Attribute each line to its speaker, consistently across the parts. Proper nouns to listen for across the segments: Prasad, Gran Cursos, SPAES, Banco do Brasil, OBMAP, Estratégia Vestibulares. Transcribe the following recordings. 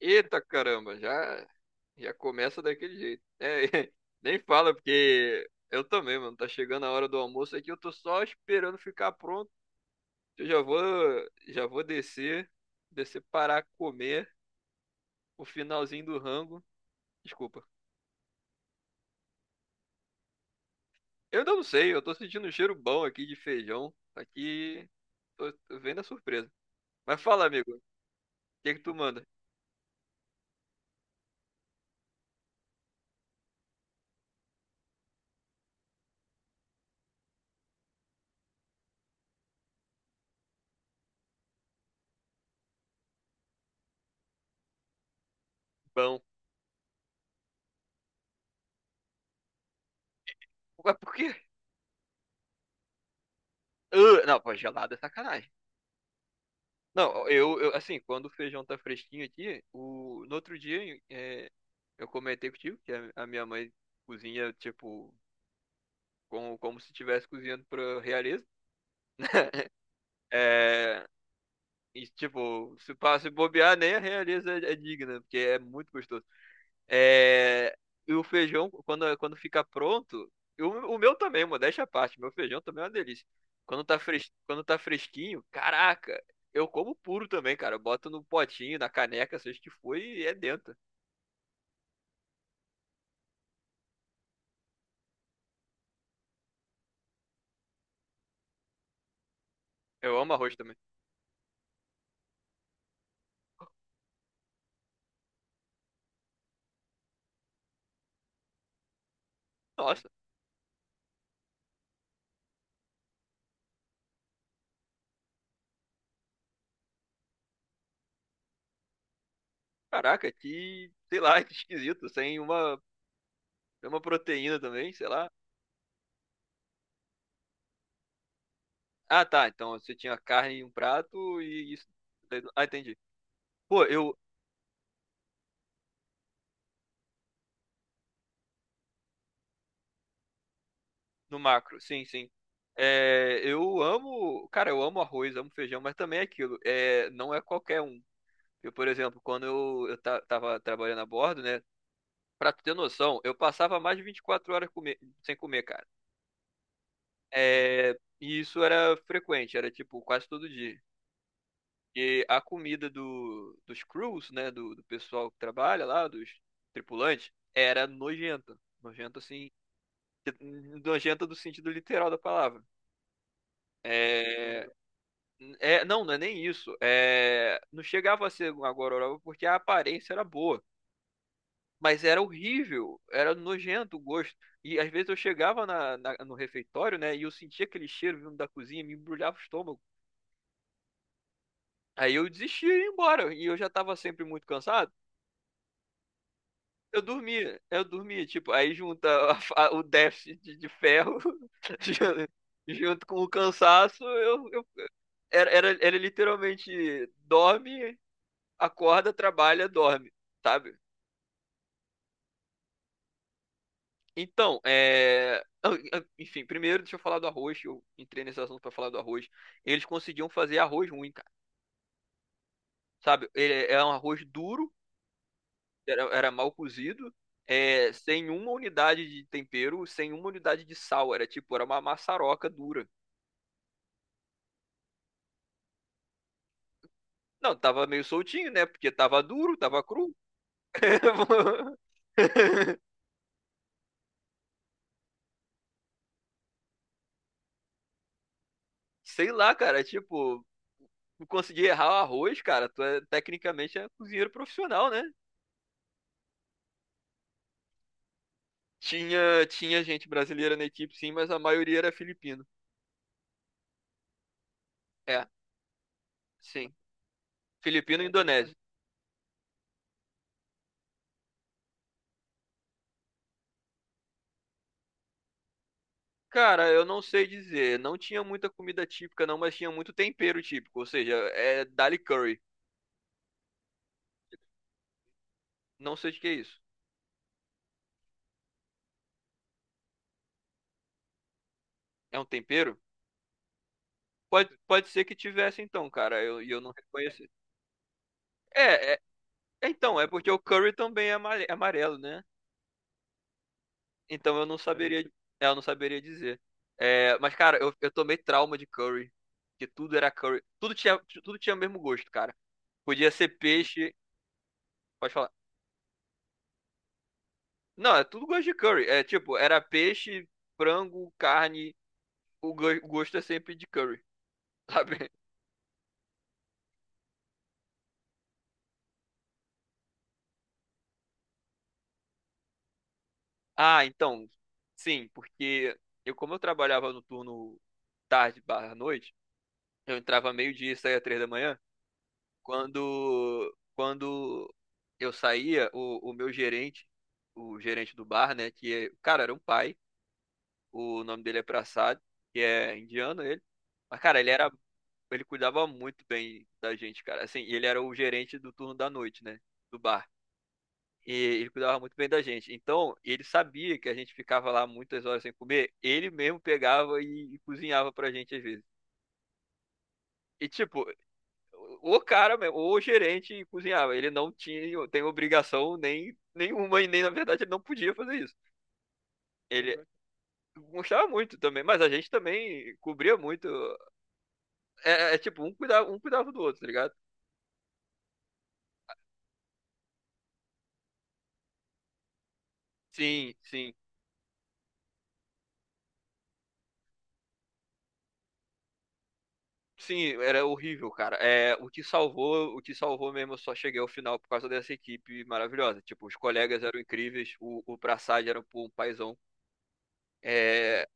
Speaker 1: Eita caramba, já, já começa daquele jeito. É, nem fala, porque eu também, mano, tá chegando a hora do almoço aqui, eu tô só esperando ficar pronto. Eu já vou descer para comer o finalzinho do rango. Desculpa. Eu ainda não sei, eu tô sentindo um cheiro bom aqui de feijão. Aqui, tô vendo a surpresa. Mas fala, amigo, o que que tu manda? Bom. Mas por quê? Ah, não, pô, gelado é sacanagem. Não, eu, assim, quando o feijão tá fresquinho aqui, no outro dia é, eu comentei contigo que a minha mãe cozinha, tipo, como se estivesse cozinhando pra realeza. É, e, tipo, se bobear, nem a realeza é digna, porque é muito gostoso. É, e o feijão, quando fica pronto, e o meu também, modéstia à parte, meu feijão também é uma delícia. Quando tá fresquinho, caraca, eu como puro também, cara. Eu boto no potinho, na caneca, seja o que for, e é dentro. Eu amo arroz também. Nossa, caraca, que, sei lá, que esquisito, sem uma proteína também, sei lá. Ah, tá, então você tinha carne em um prato e isso. Ah, entendi. Pô, no macro, sim, sim. É, eu amo, cara, eu amo arroz, amo feijão, mas também é aquilo, é, não é qualquer um. Eu, por exemplo, quando eu tava trabalhando a bordo, né, pra tu ter noção, eu passava mais de 24 horas sem comer, cara. É, e isso era frequente, era tipo quase todo dia. E a comida dos crews, né, do pessoal que trabalha lá, dos tripulantes, era nojenta. Nojenta, assim, nojenta do sentido literal da palavra. É, É, não, não é nem isso. É, não chegava a ser uma gororoba porque a aparência era boa, mas era horrível, era nojento o gosto. E às vezes eu chegava na, no refeitório, né, e eu sentia aquele cheiro vindo da cozinha, me embrulhava o estômago. Aí eu desistia e ia embora, e eu já estava sempre muito cansado. Eu dormia, tipo, aí junta o déficit de ferro ju- junto com o cansaço, era literalmente dorme, acorda, trabalha, dorme, sabe? Então, enfim, primeiro deixa eu falar do arroz. Eu entrei nesse assunto para falar do arroz. Eles conseguiam fazer arroz ruim, cara. Sabe? Ele é um arroz duro, era mal cozido, é, sem uma unidade de tempero, sem uma unidade de sal. Era tipo, era uma maçaroca dura. Não, tava meio soltinho, né? Porque tava duro, tava cru. Sei lá, cara. Tipo, conseguir errar o arroz, cara, tu é, tecnicamente é cozinheiro profissional, né? Tinha gente brasileira na equipe, sim, mas a maioria era filipino. É, sim. Filipino e indonésio. Cara, eu não sei dizer. Não tinha muita comida típica, não, mas tinha muito tempero típico. Ou seja, é dali curry. Não sei o que é isso. É um tempero? Pode ser que tivesse, então, cara, e eu não reconheci. É, é, então, é porque o curry também é é amarelo, né? Então eu não saberia, é, eu não saberia dizer. É, mas, cara, eu tomei trauma de curry. Que tudo era curry. Tudo tinha o mesmo gosto, cara. Podia ser peixe. Pode falar. Não, é tudo gosto de curry. É tipo, era peixe, frango, carne. O gosto é sempre de curry, sabe? Ah, então. Sim, porque como eu trabalhava no turno tarde barra noite, eu entrava meio-dia e saía 3 da manhã. Quando eu saía, o meu gerente, o gerente do bar, né? Que, cara, era um pai. O nome dele é Prasad, que é indiano ele. Mas, cara, ele cuidava muito bem da gente, cara. Assim, e ele era o gerente do turno da noite, né? Do bar. E ele cuidava muito bem da gente. Então, ele sabia que a gente ficava lá muitas horas sem comer. Ele mesmo pegava e cozinhava pra gente às vezes. E tipo, o cara mesmo, ou o gerente cozinhava. Ele não tem obrigação nem nenhuma e nem na verdade ele não podia fazer isso. Ele gostava muito também, mas a gente também cobria muito. É, é tipo um cuidava do outro, tá ligado? Sim, sim. Sim, era horrível, cara. É, o que salvou mesmo, eu só cheguei ao final por causa dessa equipe maravilhosa. Tipo, os colegas eram incríveis, o Prassad era pô, um paizão. É,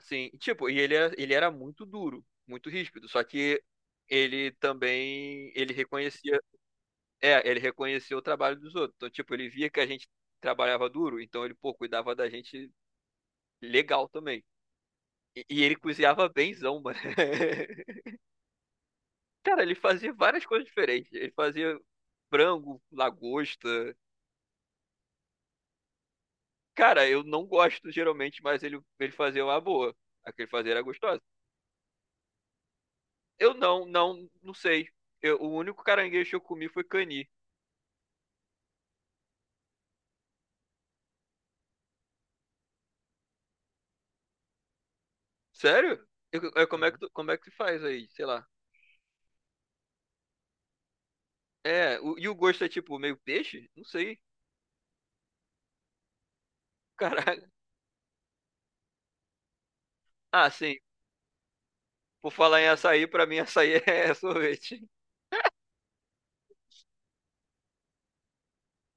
Speaker 1: sim, tipo, e ele era muito duro, muito ríspido, só que ele também, ele reconhecia o trabalho dos outros. Então, tipo, ele via que a gente trabalhava duro, então ele, pô, cuidava da gente legal também. E ele cozinhava benzão, mano. Cara, ele fazia várias coisas diferentes. Ele fazia frango, lagosta. Cara, eu não gosto geralmente, mas ele fazia uma boa. Aquele fazer era gostosa. Eu não sei. O único caranguejo que eu comi foi cani. Sério? Como é que, Uhum. Como é que se faz aí? Sei lá. É, e o gosto é tipo meio peixe? Não sei. Caraca. Ah, sim. Por falar em açaí, pra mim açaí é sorvete.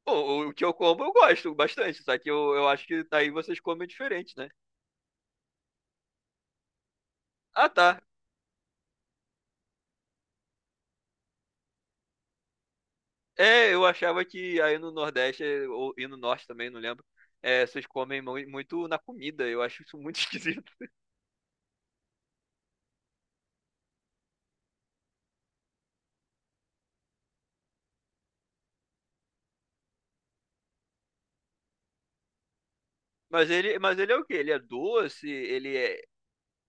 Speaker 1: Bom, o que eu como eu gosto bastante, só que eu acho que aí vocês comem diferente, né? Ah, tá. É, eu achava que aí no Nordeste, e no Norte também, não lembro, é, vocês comem muito na comida. Eu acho isso muito esquisito. Mas ele é o quê? Ele é doce? Ele é,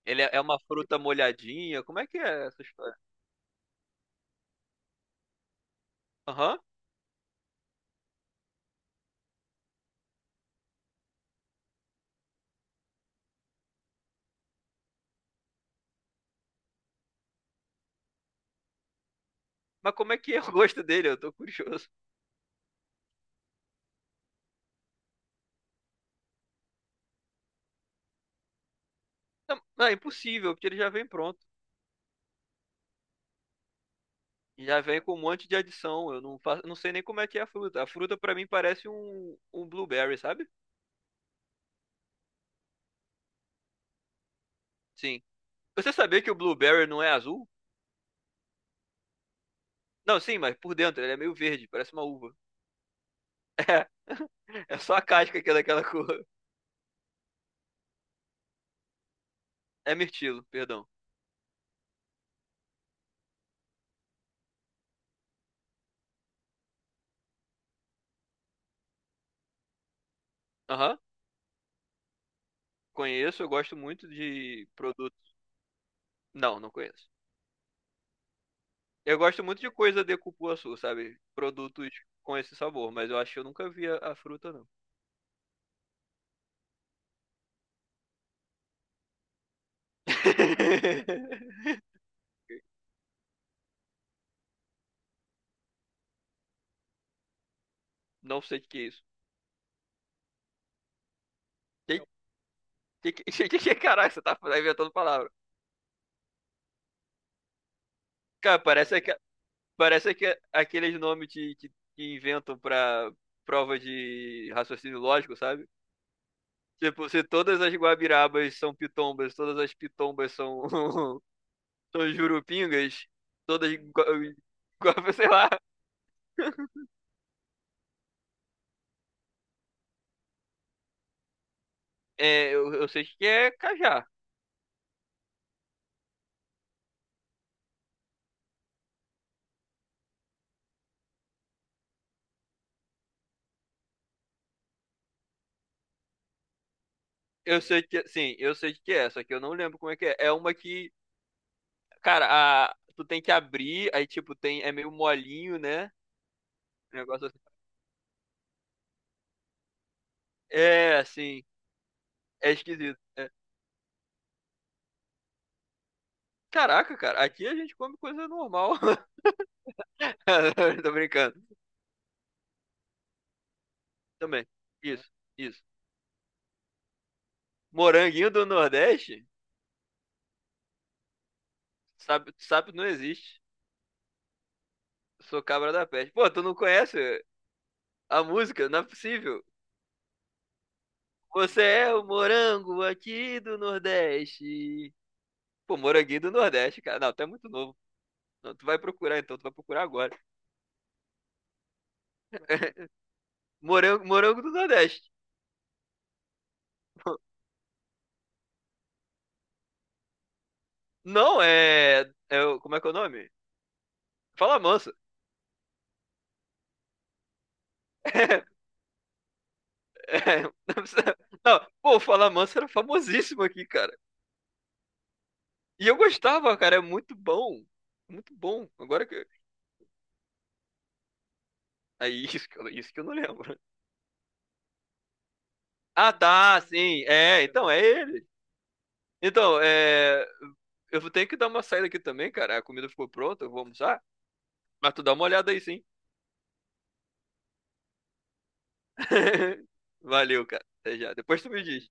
Speaker 1: ele é é uma fruta molhadinha? Como é que é essa história? Aham. Mas como é que é o gosto dele? Eu tô curioso. Não, não, é impossível, porque ele já vem pronto. Já vem com um monte de adição. Eu não faço, não sei nem como é que é a fruta. A fruta pra mim parece um blueberry, sabe? Sim. Você sabia que o blueberry não é azul? Não, sim, mas por dentro ele é meio verde, parece uma uva. É. É só a casca aqui daquela cor. É mirtilo, perdão. Aham. Conheço, eu gosto muito de produtos. Não, não conheço. Eu gosto muito de coisa de cupuaçu, sabe? Produtos com esse sabor, mas eu acho que eu nunca vi a fruta, não. Não sei o que que é isso. Que, caraca, você tá inventando palavra. Cara, parece que aqueles nomes que inventam pra prova de raciocínio lógico, sabe? Tipo, se todas as guabirabas são pitombas, todas as pitombas são, são jurupingas, todas. Sei lá. É, eu sei que é cajá. Eu sei que, sim, eu sei que é, só que eu não lembro como é que é. É uma que, cara, a, tu tem que abrir, aí tipo tem, é meio molinho, né? Um negócio assim. É, assim, é esquisito, é. Caraca, cara, aqui a gente come coisa normal. Tô brincando. Também. Isso, isso. Moranguinho do Nordeste? Sabe, sabe não existe. Sou cabra da peste. Pô, tu não conhece a música? Não é possível. Você é o morango aqui do Nordeste. Pô, moranguinho do Nordeste, cara. Não, tu é muito novo. Não, tu vai procurar então, tu vai procurar agora. Morango, morango do Nordeste. Não é. Como é que é o nome? Fala Manso. É, não, não, pô, o Fala Manso era famosíssimo aqui, cara. E eu gostava, cara. É muito bom. Muito bom. Agora que. É isso que eu não lembro. Ah, tá, sim. É, então é ele. Então, é. Eu vou ter que dar uma saída aqui também, cara. A comida ficou pronta, eu vou almoçar. Mas tu dá uma olhada aí, sim. Valeu, cara. Até já. Depois tu me diz.